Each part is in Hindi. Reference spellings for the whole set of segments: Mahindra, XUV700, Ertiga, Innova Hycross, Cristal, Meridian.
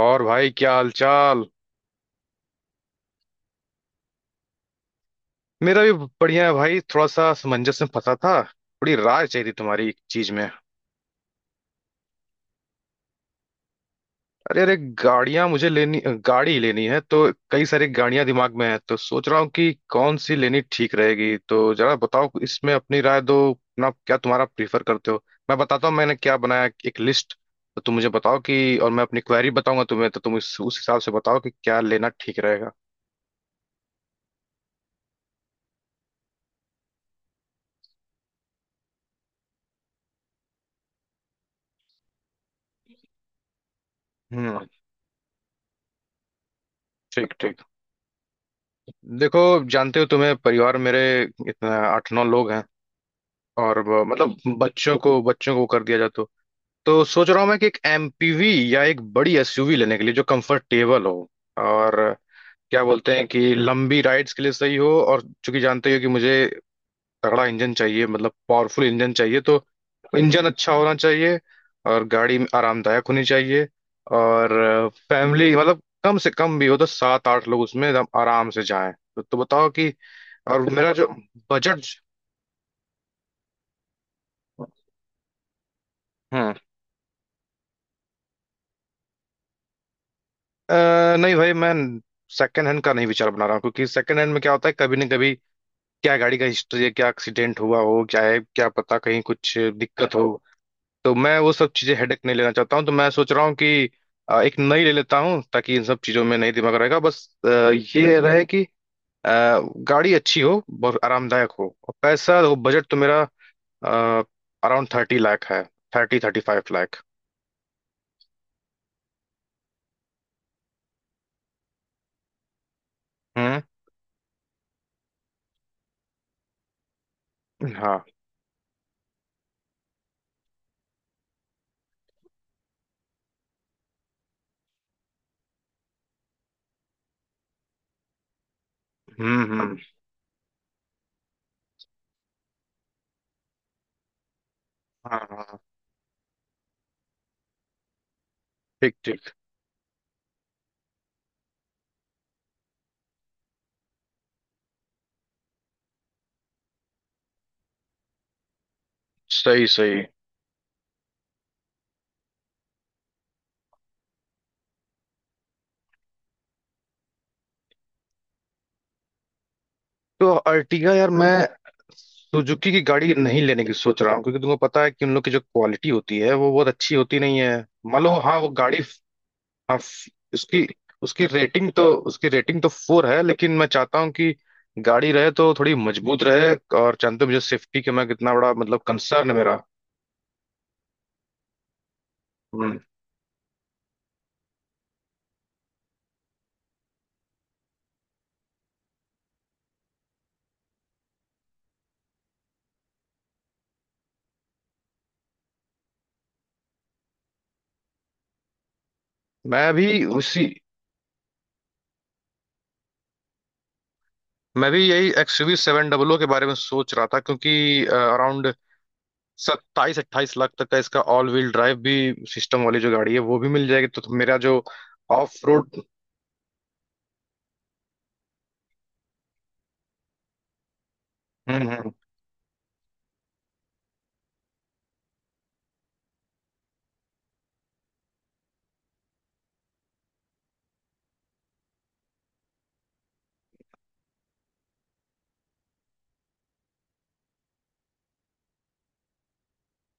और भाई क्या हालचाल। मेरा भी बढ़िया है भाई, थोड़ा सा समंजस में फंसा था। थोड़ी राय चाहिए थी तुम्हारी एक चीज में। अरे अरे, गाड़ियां मुझे लेनी गाड़ी लेनी है तो कई सारी गाड़ियां दिमाग में है, तो सोच रहा हूँ कि कौन सी लेनी ठीक रहेगी। तो जरा बताओ, इसमें अपनी राय दो, अपना क्या तुम्हारा प्रीफर करते हो। मैं बताता हूँ मैंने क्या बनाया एक लिस्ट। तो तुम मुझे बताओ कि, और मैं अपनी क्वेरी बताऊंगा तुम्हें, तो तुम इस, उस हिसाब से बताओ कि क्या लेना ठीक रहेगा। हम्म। ठीक ठीक। देखो, जानते हो तुम्हें परिवार मेरे इतना आठ नौ लोग हैं, और बच्चों को कर दिया जाए तो सोच रहा हूँ मैं कि एक एमपीवी या एक बड़ी एसयूवी लेने के लिए जो कंफर्टेबल हो, और क्या बोलते हैं कि लंबी राइड्स के लिए सही हो, और चूंकि जानते हो कि मुझे तगड़ा इंजन चाहिए, मतलब पावरफुल इंजन चाहिए, तो इंजन अच्छा होना चाहिए और गाड़ी आरामदायक होनी चाहिए। और फैमिली मतलब कम से कम भी हो तो सात आठ लोग उसमें एकदम आराम से जाएं, तो बताओ कि और मेरा जो बजट। हम्म। नहीं भाई मैं सेकंड हैंड का नहीं विचार बना रहा हूँ, क्योंकि सेकंड हैंड में क्या होता है, कभी ना कभी क्या गाड़ी का हिस्ट्री है, क्या एक्सीडेंट हुआ हो, क्या है, क्या पता कहीं कुछ दिक्कत हो। तो मैं वो सब चीजें हेडेक नहीं लेना चाहता हूँ, तो मैं सोच रहा हूँ कि एक नई ले लेता हूँ, ताकि इन सब चीजों में नहीं दिमाग रहेगा। बस ये रहे कि अ, गाड़ी अच्छी हो, बहुत आरामदायक हो, और पैसा वो बजट तो मेरा अराउंड 30 लाख है। Thirty thirty five lakh. हम्म। हाँ। हम्म। हाँ हाँ। ठीक ठीक। सही सही। तो अर्टिगा यार मैं सुजुकी की गाड़ी नहीं लेने की सोच रहा हूँ, क्योंकि तुमको पता है कि उन लोग की जो क्वालिटी होती है वो बहुत अच्छी होती नहीं है। मान लो हाँ वो गाड़ी, हाँ, उसकी उसकी रेटिंग तो उसकी रेटिंग तो 4 है, लेकिन मैं चाहता हूँ कि गाड़ी रहे तो थोड़ी मजबूत रहे। और जानते हो मुझे सेफ्टी का मैं कितना बड़ा मतलब कंसर्न है मेरा। हम्म। मैं भी उसी मैं भी यही एक्सयूवी सेवन डबल ओ के बारे में सोच रहा था, क्योंकि अराउंड 27-28 लाख तक का इसका ऑल व्हील ड्राइव भी सिस्टम वाली जो गाड़ी है वो भी मिल जाएगी, तो मेरा जो ऑफ रोड। हम्म हम्म।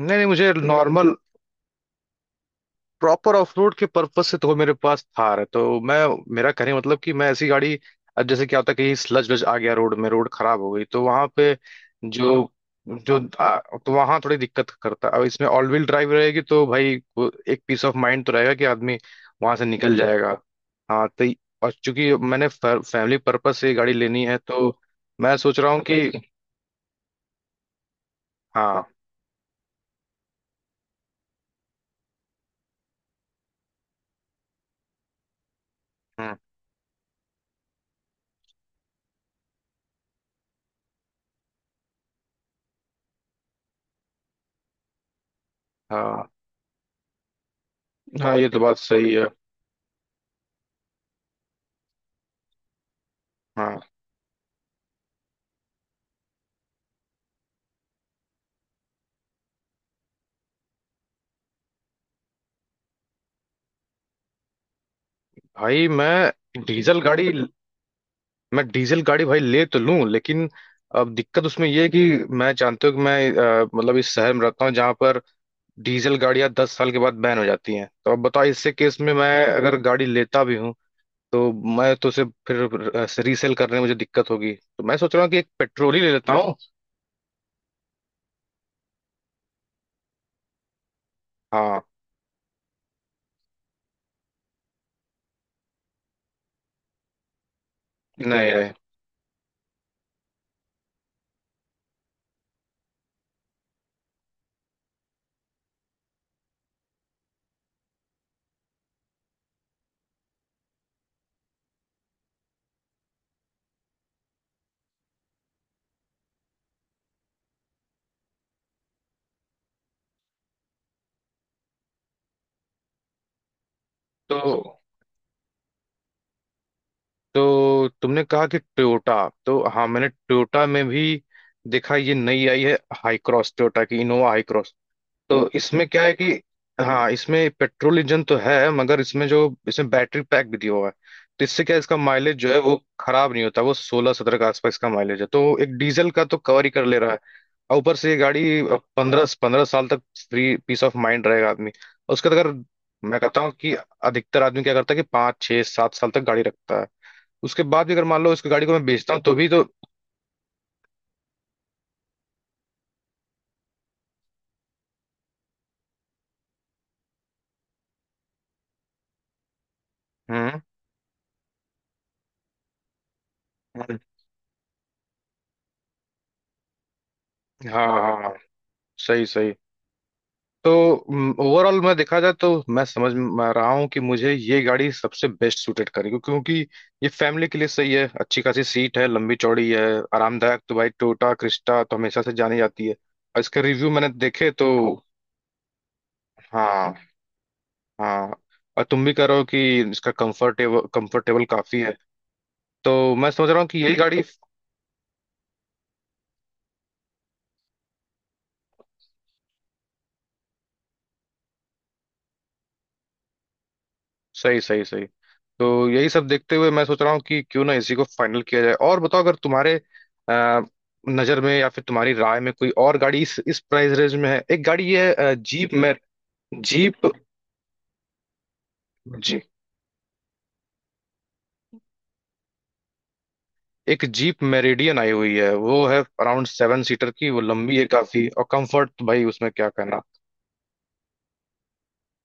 नहीं नहीं, मुझे नॉर्मल प्रॉपर ऑफ रोड के पर्पज से तो मेरे पास थार है, तो मैं मेरा कहने का मतलब कि मैं ऐसी गाड़ी। अब जैसे क्या होता है कि स्लज वज आ गया रोड में, रोड खराब हो गई, तो वहां पे जो जो आ, तो वहां थोड़ी दिक्कत करता है। अब इसमें ऑल व्हील ड्राइव रहेगी तो भाई वो एक पीस ऑफ माइंड तो रहेगा कि आदमी वहां से निकल जाएगा। हाँ तो और चूंकि मैंने फैमिली पर्पज से ये गाड़ी लेनी है तो मैं सोच रहा हूँ कि। हाँ। हम्म। हाँ हाँ ये तो बात सही है। हाँ भाई मैं डीजल गाड़ी, भाई ले तो लूं लेकिन अब दिक्कत उसमें ये है कि मैं, जानते हो कि मैं मतलब इस शहर में रहता हूँ जहां पर डीजल गाड़ियां 10 साल के बाद बैन हो जाती हैं। तो अब बताओ इससे केस में मैं अगर गाड़ी लेता भी हूँ तो मैं तो उसे फिर रीसेल करने में मुझे दिक्कत होगी। तो मैं सोच रहा हूँ कि एक पेट्रोल ही ले लेता हूँ। हाँ। नहीं रहे तो। तो तुमने कहा कि टोयोटा, तो हाँ मैंने टोयोटा में भी देखा ये नई आई है, हाई क्रॉस, टोयोटा की इनोवा हाई। तो इसमें क्या है कि, हाँ इसमें पेट्रोल इंजन तो है, मगर इसमें जो इसमें बैटरी पैक भी दिया हुआ है, तो इससे क्या है, इसका माइलेज जो है वो खराब नहीं होता, वो 16-17 के आसपास इसका माइलेज है, तो एक डीजल का तो कवर ही कर ले रहा है। और ऊपर से ये गाड़ी पंद्रह पंद्रह साल तक फ्री पीस ऑफ माइंड रहेगा आदमी, और उसके बाद अगर मैं कहता हूँ कि अधिकतर आदमी क्या करता है कि पाँच छः सात साल तक गाड़ी रखता है, उसके बाद भी अगर मान लो इस गाड़ी को मैं बेचता हूँ तो भी तो। हम्म। हम्म, हाँ हाँ हाँ, सही सही। तो ओवरऑल मैं देखा जाए तो मैं समझ रहा हूँ कि मुझे ये गाड़ी सबसे बेस्ट सूटेड करेगी, क्योंकि ये फैमिली के लिए सही है, अच्छी खासी सीट है, लंबी चौड़ी है। आरामदायक तो भाई टोयोटा क्रिस्टा तो हमेशा से जानी जाती है, और इसके रिव्यू मैंने देखे तो। हाँ हाँ। और तुम भी कह रहे हो कि इसका कंफर्टेबल कंफर्टेबल काफी है, तो मैं समझ रहा हूँ कि यही गाड़ी। सही सही सही। तो यही सब देखते हुए मैं सोच रहा हूँ कि क्यों ना इसी को फाइनल किया जाए, और बताओ अगर तुम्हारे अ, नजर में या फिर तुम्हारी राय में कोई और गाड़ी इस प्राइस रेंज में है। एक गाड़ी है जीप में। जीप। जी। एक जीप मेरिडियन आई हुई है, वो है अराउंड सेवन सीटर की, वो लंबी है काफी, और कंफर्ट भाई उसमें क्या कहना।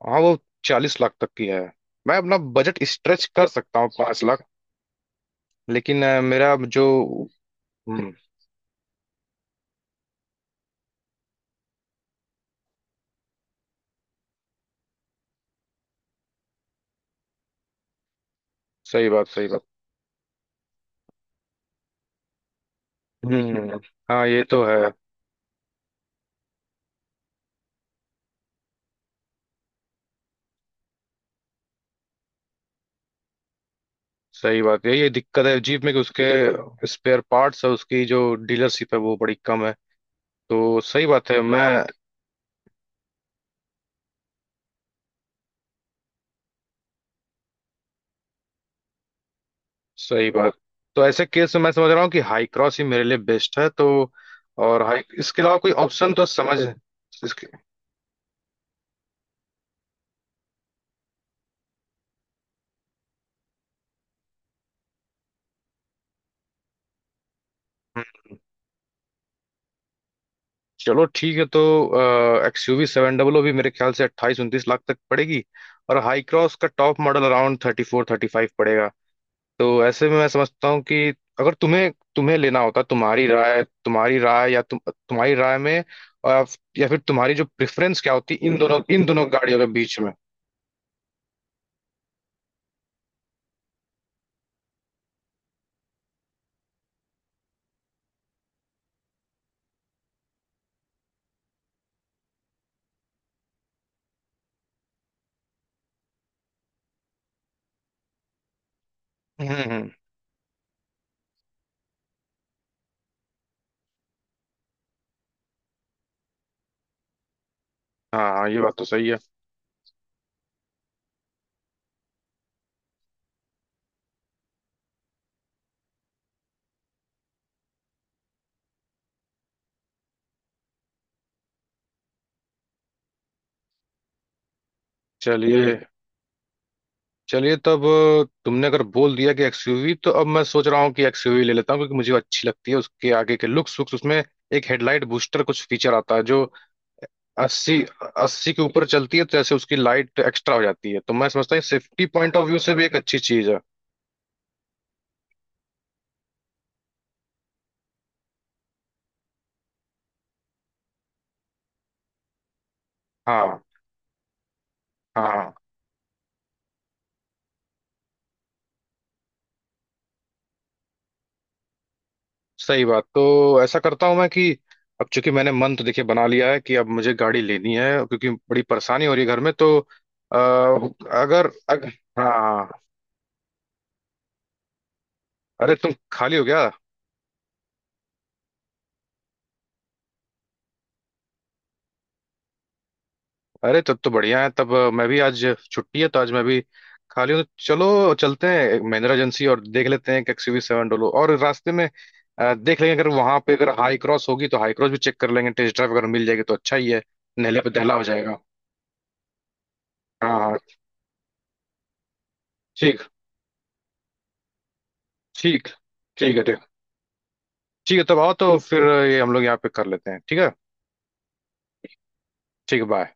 हाँ वो 40 लाख तक की है। मैं अपना बजट स्ट्रेच कर सकता हूँ 5 लाख, लेकिन मेरा जो। हम्म, सही बात सही बात। हम्म। हाँ ये तो है। सही बात है, ये दिक्कत है जीप में कि उसके स्पेयर पार्ट्स है, उसकी जो डीलरशिप है वो बड़ी कम है, तो सही बात है मैं। सही बात। तो ऐसे केस में मैं समझ रहा हूँ कि हाई क्रॉस ही मेरे लिए बेस्ट है, तो और हाई इसके अलावा कोई ऑप्शन तो समझ। हम्म, चलो ठीक है। तो एक्सयूवी सेवन डबल ओ भी मेरे ख्याल से 28-29 लाख तक पड़ेगी, और हाई क्रॉस का टॉप मॉडल अराउंड 34-35 पड़ेगा। तो ऐसे में मैं समझता हूँ कि अगर तुम्हें तुम्हें लेना होता, तुम्हारी राय में, और या फिर तुम्हारी जो प्रेफरेंस क्या होती इन दोनों गाड़ियों के बीच में। हम्म हम्म। हाँ ये बात तो सही है। चलिए। चलिए तब, तुमने अगर बोल दिया कि एक्सयूवी, तो अब मैं सोच रहा हूँ कि एक्सयूवी ले लेता हूँ, क्योंकि मुझे वो अच्छी लगती है, उसके आगे के लुक्स वुक्स। उसमें एक हेडलाइट बूस्टर कुछ फीचर आता है जो अस्सी अस्सी के ऊपर चलती है, तो जैसे उसकी लाइट एक्स्ट्रा हो जाती है, तो मैं समझता हूँ सेफ्टी पॉइंट ऑफ व्यू से भी एक अच्छी चीज है। हाँ हाँ हाँ, सही बात। तो ऐसा करता हूँ मैं कि अब चूंकि मैंने मन तो देखिए बना लिया है कि अब मुझे गाड़ी लेनी है, क्योंकि बड़ी परेशानी हो रही है घर में, तो अगर अग, हाँ। अरे तुम खाली हो गया। अरे तब तो बढ़िया है। तब मैं भी आज छुट्टी है तो आज मैं भी खाली हूँ, तो चलो चलते हैं महिंद्रा एजेंसी और देख लेते हैं कि एक्सयूवी सेवन डोलो, और रास्ते में देख लेंगे, अगर वहां पे अगर हाई क्रॉस होगी तो हाई क्रॉस भी चेक कर लेंगे, टेस्ट ड्राइव अगर मिल जाएगी तो अच्छा ही है। नहले पे दहला हो जाएगा। हाँ हाँ। ठीक। ठीक। ठीक है। ठीक। ठीक है तब आओ तो फिर, ये हम लोग यहाँ पे कर लेते हैं, ठीक है। ठीक है। बाय।